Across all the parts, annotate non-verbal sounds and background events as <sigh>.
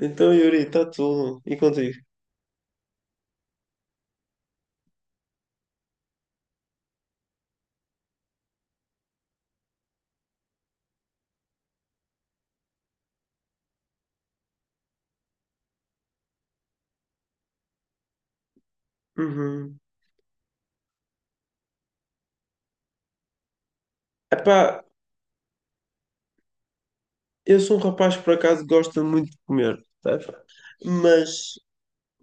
Então, Yuri, está tudo. E contigo? Uhum. Epá, eu sou um rapaz que por acaso gosta muito de comer, sabes? Mas,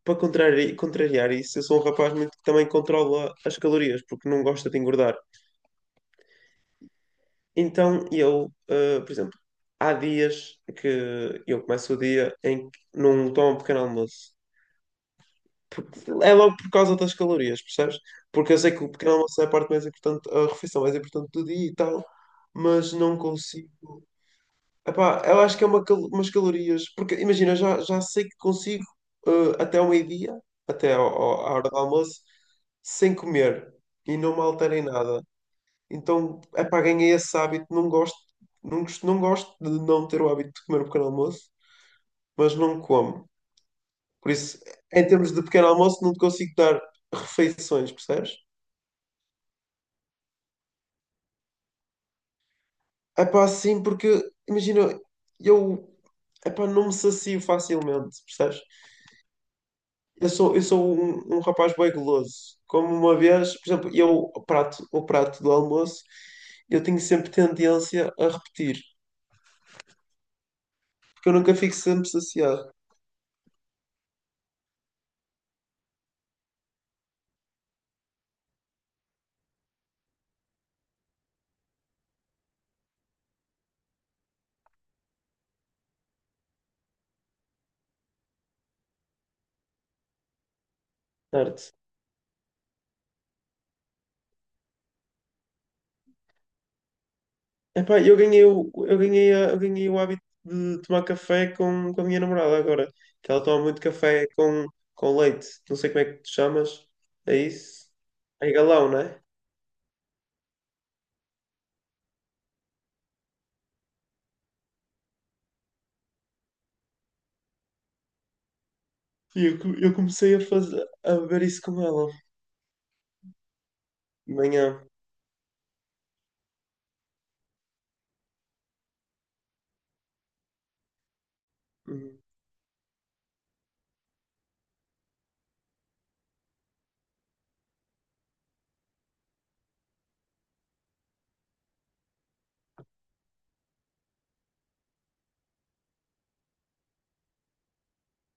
para contrariar isso, eu sou um rapaz muito que também controla as calorias, porque não gosta de engordar. Então, eu, por exemplo, há dias que eu começo o dia em que não tomo um pequeno almoço. É logo por causa das calorias, percebes? Porque eu sei que o pequeno almoço é a parte mais importante, a refeição mais importante do dia e tal, mas não consigo. Epá, eu acho que é umas calorias, porque imagina, eu já sei que consigo até ao meio-dia, à hora do almoço, sem comer e não me altera em nada. Então, epá, ganhei esse hábito, não gosto, não gosto de não ter o hábito de comer o pequeno almoço, mas não como. Por isso, em termos de pequeno almoço, não te consigo dar refeições, percebes? Epá, sim, porque imagina, eu epá, não me sacio facilmente, percebes? Eu sou um rapaz bem guloso. Como uma vez, por exemplo, eu o prato do almoço, eu tenho sempre tendência a repetir, porque eu nunca fico sempre saciado. Certo. Epá, eu ganhei o hábito de tomar café com a minha namorada agora, que ela toma muito café com leite. Não sei como é que te chamas. É isso? É galão, não é? E eu comecei a fazer, a beber isso com ela de manhã. Hum.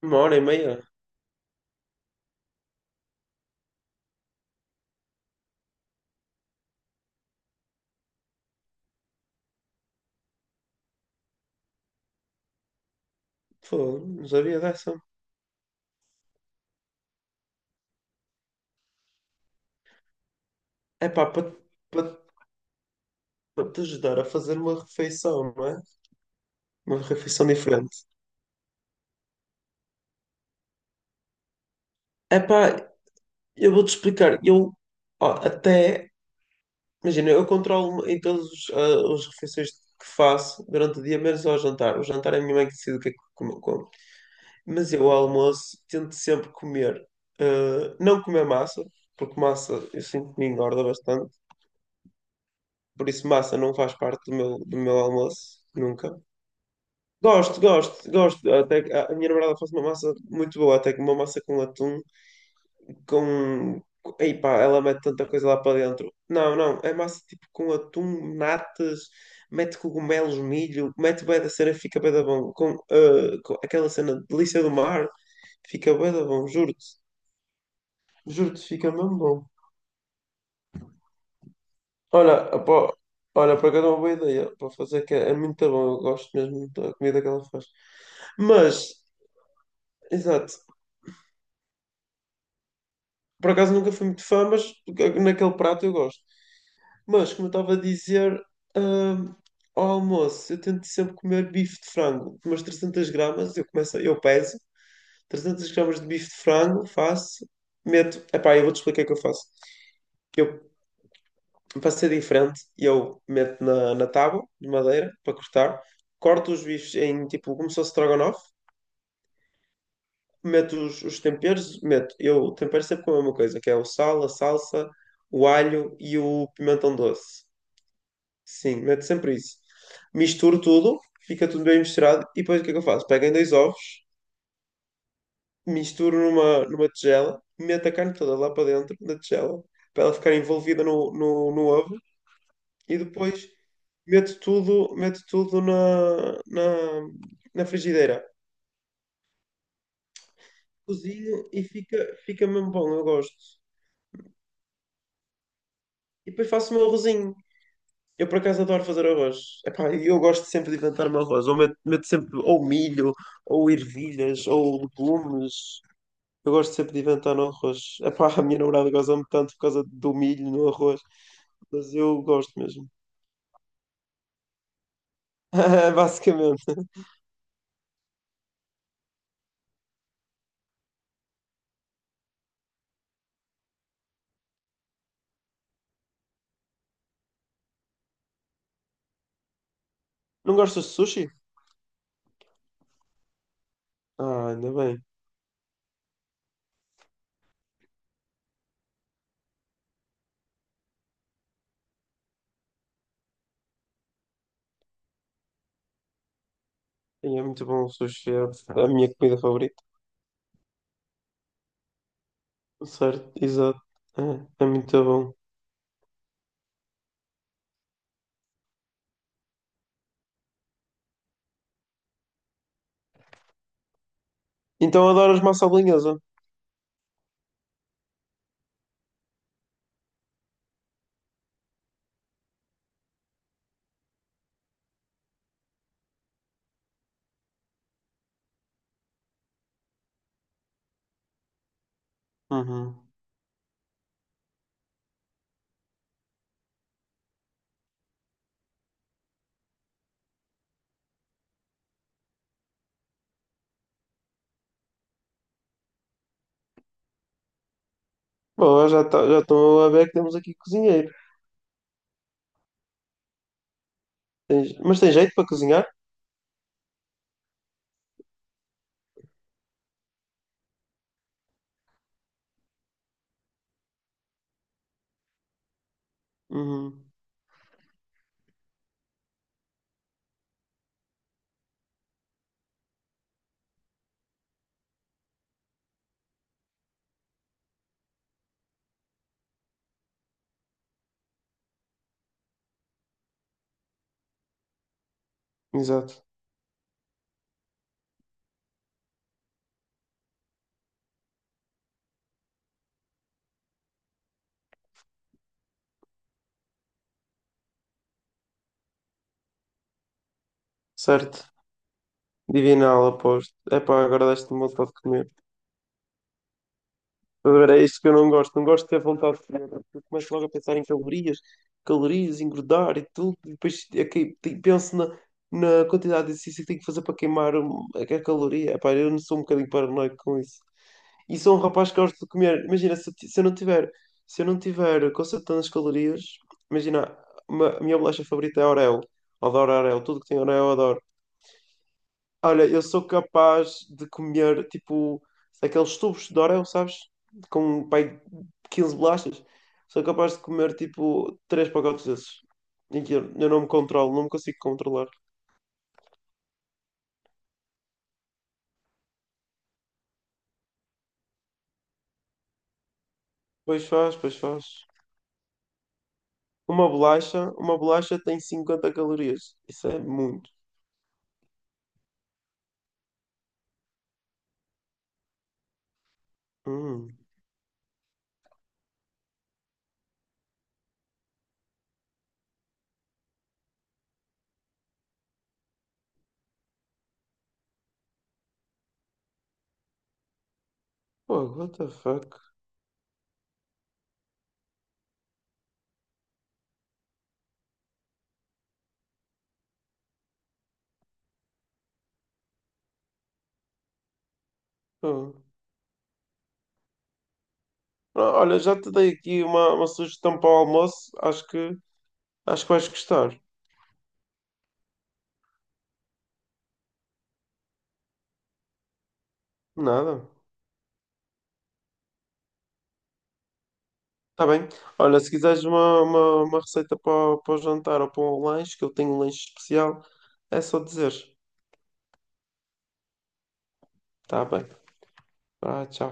Uma hora e meia. Pô, não sabia dessa. É pá, para te ajudar a fazer uma refeição, não é? Uma refeição diferente. É pá, eu vou-te explicar. Eu, ó, até, imagina, eu controlo em todas as refeições que faço durante o dia, menos ao jantar. O jantar é a minha mãe que decide o que é que como. Mas eu, ao almoço, tento sempre comer, não comer massa, porque massa eu sinto que me engorda bastante. Por isso, massa não faz parte do meu almoço, nunca. Gosto, gosto, gosto. Até que a minha namorada faz uma massa muito boa, até que uma massa com atum, Ei pá, ela mete tanta coisa lá para dentro. Não, não, é massa tipo com atum, natas, mete cogumelos, milho, mete bué da cera, fica bué da bom. Com, com aquela cena de delícia do mar, fica bué da bom, juro-te. Juro-te, fica mesmo bom. Olha, pá, olha, por acaso é uma boa ideia para fazer, que é, é muito bom, eu gosto mesmo da comida que ela faz. Mas, exato. Por acaso nunca fui muito fã, mas naquele prato eu gosto. Mas, como eu estava a dizer, hum, ao almoço eu tento sempre comer bife de frango, umas 300 gramas, eu peso 300 gramas de bife de frango, faço, meto, epá, eu vou-te explicar o que eu faço. Eu, para ser diferente, eu meto na tábua de madeira para cortar, corto os bifes em tipo como se fosse strogonoff, meto os temperos, meto, eu tempero sempre com a mesma coisa, que é o sal, a salsa, o alho e o pimentão doce. Sim, meto sempre isso. Misturo tudo, fica tudo bem misturado e depois o que é que eu faço? Pego em dois ovos, misturo numa tigela, meto a carne toda lá para dentro da tigela, para ela ficar envolvida no ovo e depois meto tudo na frigideira. Cozinho e fica mesmo bom, eu gosto. E depois faço o meu arrozinho. Eu por acaso adoro fazer arroz. Epá, e eu gosto sempre de inventar meu arroz. Ou meto sempre ou milho, ou ervilhas, ou legumes. Eu gosto sempre de inventar no arroz. Epá, a minha namorada goza-me tanto por causa do milho no arroz. Mas eu gosto mesmo. <laughs> Basicamente. Não gostas de sushi? Ah, ainda bem. E é muito bom o sushi. É a minha comida favorita. Certo, exato. É, é muito bom. Então adoras massa bolonhesa? Uhum. Bom, já estou a ver que temos aqui cozinheiro. Mas tem jeito para cozinhar? Uhum. Exato. Certo. Divinal, aposto. Epá, agora deste-me vontade de comer. Agora, é isto que eu não gosto. Não gosto de ter vontade de comer, porque eu começo logo a pensar em calorias, calorias, engordar e tudo. E depois é que penso na quantidade de exercício que tenho que fazer para queimar a caloria. Epá, eu não sou um bocadinho paranoico com isso. E sou um rapaz que gosta de comer. Imagina, se eu não tiver consertando as calorias, imagina, a minha bolacha favorita é Oreo. Adoro Oreo. Tudo que tem Oreo, adoro. Olha, eu sou capaz de comer, tipo, aqueles tubos de Oreo, sabes? Com, pai, 15 bolachas. Sou capaz de comer, tipo, três pacotes desses. E que eu não me controlo, não me consigo controlar. Pois faz, pois faz. Uma bolacha tem 50 calorias. Isso é muito. Hum. Pô, what the fuck? Oh. Ah, olha, já te dei aqui uma sugestão para o almoço. Acho que vais gostar. Nada. Tá bem. Olha, se quiseres uma receita para o jantar ou para o lanche, que eu tenho um lanche especial, é só dizer. Tá bem. Ah, tchau.